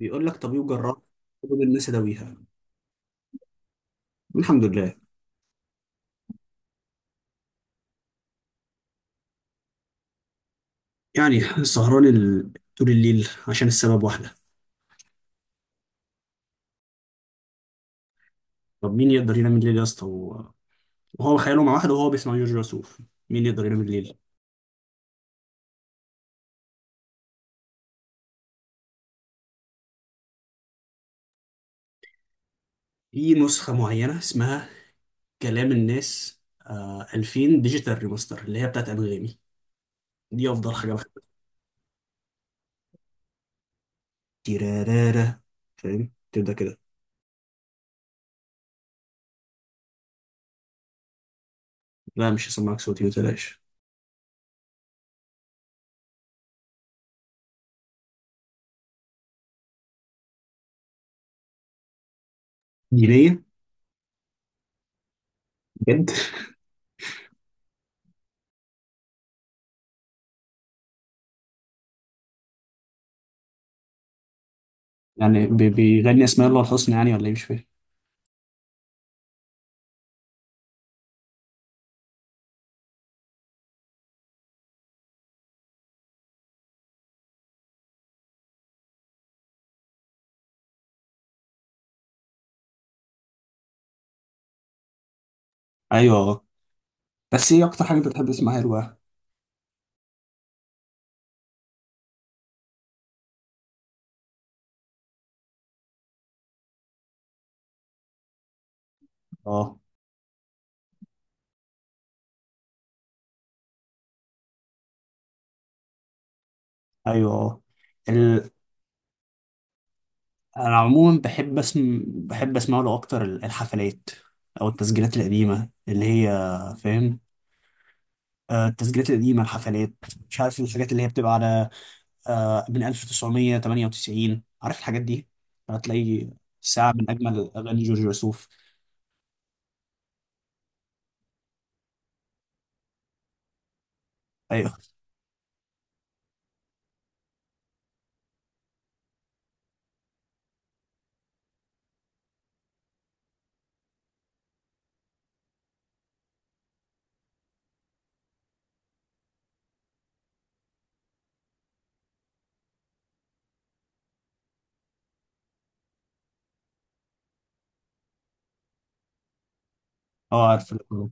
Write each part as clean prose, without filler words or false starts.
بيقول لك طب جراح، خدوا الناس اداويها. الحمد لله. يعني سهران طول الليل عشان السبب واحده. طب مين يقدر ينام الليل يا اسطى وهو خياله مع واحده وهو بيسمع جورج وسوف؟ مين يقدر ينام الليل؟ في نسخه معينه اسمها كلام الناس، 2000 ديجيتال ريماستر اللي هي بتاعت انغامي. دي افضل حاجه بحبها. تيرارارا، فاهم؟ تبدا كده. لا، مش هسمعك صوتي، ما تقلقش. دينيه؟ بجد؟ يعني بيغني اسماء الله الحسنى يعني، ولا ايه؟ مش فاهم. ايوه. بس ايه اكتر حاجه انت بتحب تسمعها له بقى؟ اه. ايوه. اه. ال... انا عموما بحب بحب اسمع له اكتر الحفلات او التسجيلات القديمه اللي هي، فاهم؟ التسجيلات القديمه، الحفلات، مش عارف الحاجات اللي هي بتبقى على، من 1998، عارف الحاجات دي؟ هتلاقي ساعه من اجمل اغاني جورج وسوف. ايوه. اه، عارف الأغنية.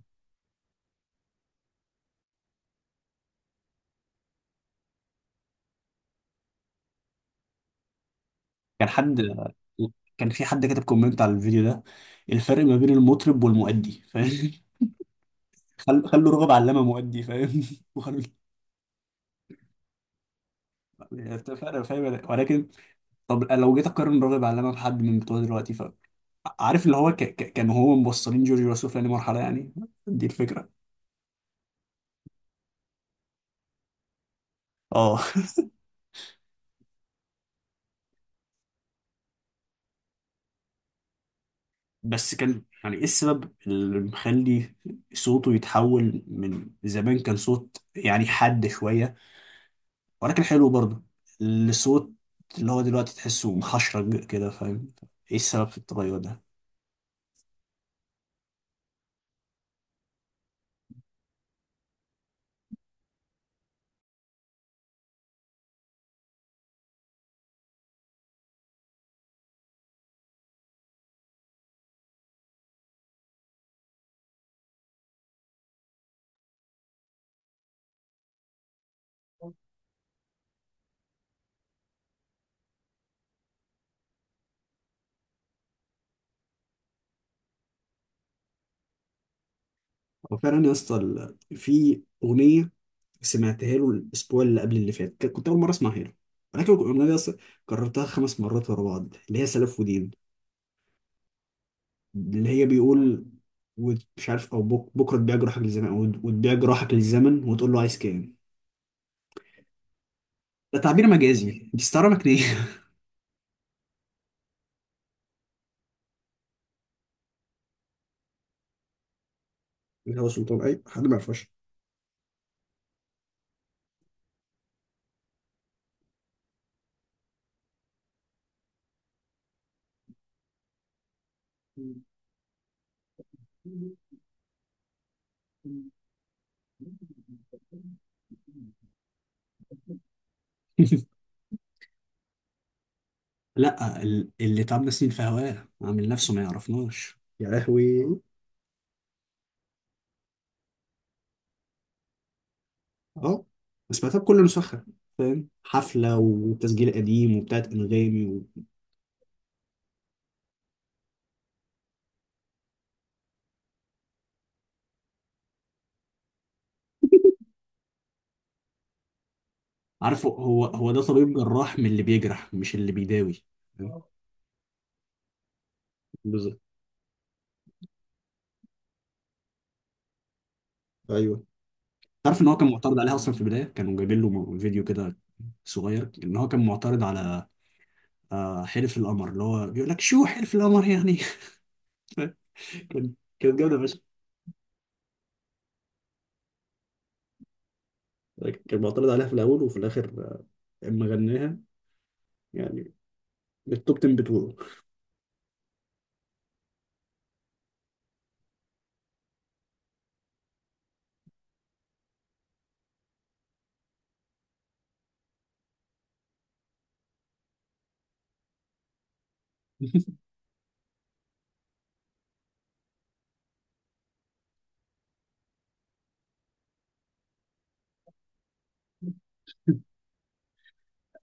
كان حد كان في حد كاتب كومنت على الفيديو ده: الفرق ما بين المطرب والمؤدي، فاهم؟ خلوا رغب علامه مؤدي، فاهم؟ وخلوا. فعلا، فاهم؟ ولكن طب لو جيت اقارن راغب علامه بحد من بتوع دلوقتي ف، عارف اللي هو كانوا هو موصلين جورج وسوف لمرحله يعني. دي الفكره. اه. بس كان، يعني، ايه السبب اللي مخلي صوته يتحول؟ من زمان كان صوت يعني حاد شويه ولكن حلو برضه، لصوت اللي هو دلوقتي تحسه محشرج كده، فاهم؟ ايه السبب في التغير ده؟ وفعلا يا اسطى، في اغنيه سمعتها له الاسبوع اللي قبل اللي فات، كنت اول مره اسمعها له، ولكن الاغنيه دي أصلاً كررتها خمس مرات ورا بعض، اللي هي سلف ودين. اللي هي بيقول: ومش عارف، او بكره تبيع جراحك للزمن، وتبيع جراحك للزمن وتقول له عايز كام. ده تعبير مجازي، دي استعاره مكنيه. اللي هو سلطان، اي حد ما يعرفهاش. لا، اللي تعبنا سنين في هواه عامل نفسه ما يعرفناش يا لهوي. اه. بس ما كله مسخن، فاهم؟ حفله وتسجيل قديم وبتاعت انغامي و... عارفه، هو ده طبيب جراح من اللي بيجرح مش اللي بيداوي، فاهم؟ بالظبط. ايوه. تعرف ان هو كان معترض عليها اصلا في البدايه، كانوا جايبين له فيديو كده صغير، ان هو كان معترض على حلف القمر، اللي هو بيقول لك: شو حلف القمر يعني؟ كان- كانت جامده فشخ. كان معترض عليها في الاول، وفي الاخر اما غناها، يعني التوب 10 بتوعه.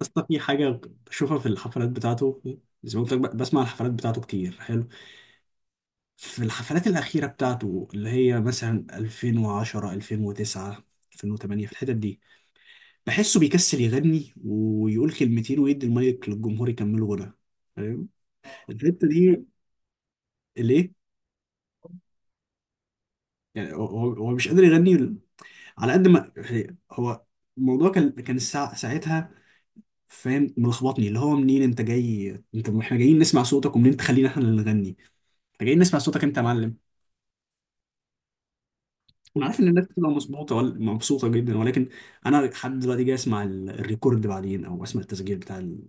اصلا في حاجة بشوفها في الحفلات بتاعته، زي ما قلت لك بسمع الحفلات بتاعته كتير، حلو. في الحفلات الأخيرة بتاعته اللي هي مثلا 2010، 2009، 2008، في الحتت دي، بحسه بيكسل يغني ويقول كلمتين ويدي المايك للجمهور يكملوا غنى، فاهم؟ الحتة دي، ليه؟ يعني هو مش قادر يغني، على قد ما، يعني هو الموضوع كان، الساعة ساعتها، فاهم؟ ملخبطني اللي هو منين انت جاي؟ انت، احنا جايين نسمع صوتك، ومنين تخلينا احنا اللي نغني؟ فجايين نسمع صوتك انت يا معلم. انا عارف ان الناس بتبقى مظبوطه ولا مبسوطه جدا، ولكن انا لحد دلوقتي جاي اسمع الريكورد بعدين، او اسمع التسجيل بتاع ال...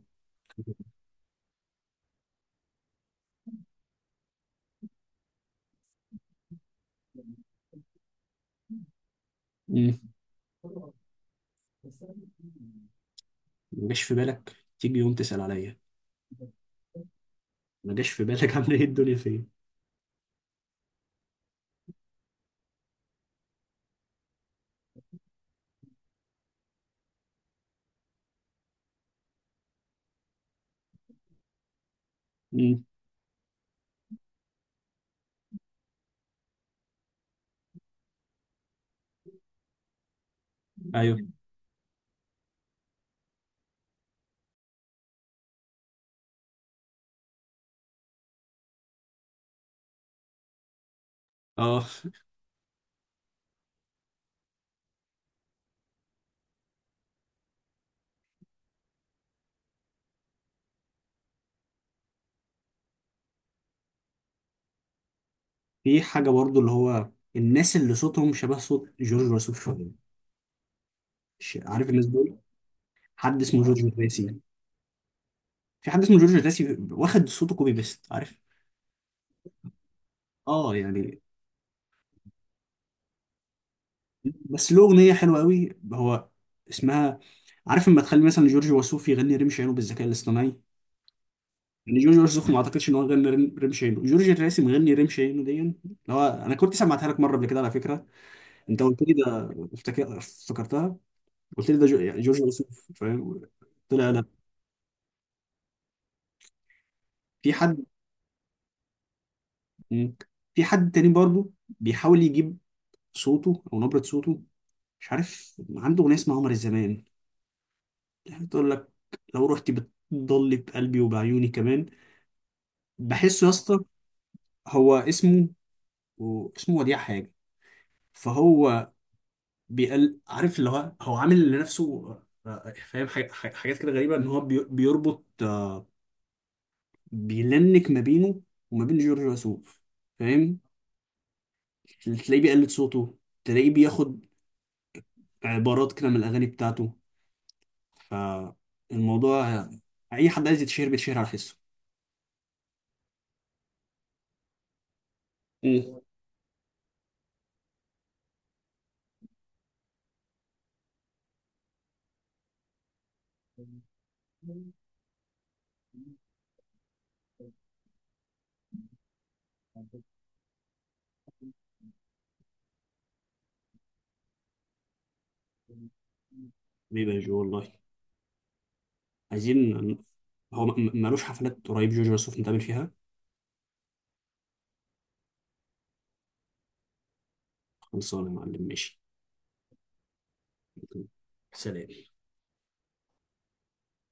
مم. ما جاش في بالك تيجي يوم تسال عليا؟ ما جاش في بالك عامله ايه الدنيا فين؟ مم. ايوه. اه. في حاجه برضو اللي هو الناس اللي صوتهم شبه صوت جورج وسوف شويه، عارف الناس دول؟ حد اسمه جورج الراسي. في حد اسمه جورج الراسي واخد صوته كوبي بيست، عارف؟ اه، يعني. بس له اغنيه حلوه قوي هو، اسمها، عارف لما تخلي مثلا جورج وسوف يغني رمش عينه بالذكاء الاصطناعي؟ يعني جورج وسوف ما اعتقدش ان هو غنى رمش عينه، جورج الراسي مغني رمش عينه دي، اللي هو انا كنت سمعتها لك مره قبل كده على فكره. انت قلت لي ده، افتكرتها. قلت لي ده يعني جورج وسوف، فاهم؟ طلع لا. في حد. مم. في حد تاني برضه بيحاول يجيب صوته او نبره صوته، مش عارف، عنده اغنيه اسمها قمر الزمان، يعني تقول لك: لو رحت بتضل بقلبي وبعيوني كمان. بحسه يا اسطى، هو اسمه، وديع حاجه. فهو بيقل، عارف اللي هو عامل لنفسه فاهم، حاجات كده غريبه، ان هو بيربط، بيلنك ما بينه وما بين جورج وسوف، فاهم؟ تلاقيه بيقلد صوته، تلاقيه بياخد عبارات كده من الاغاني بتاعته. فالموضوع اي حد عايز يتشهر بيتشهر على حسه. مم. ليه بقى جو والله؟ عايزين ن- هو مالوش حفلات قريب جورج وسوف نتقابل فيها؟ خلصانة يا معلم، ماشي. سلام.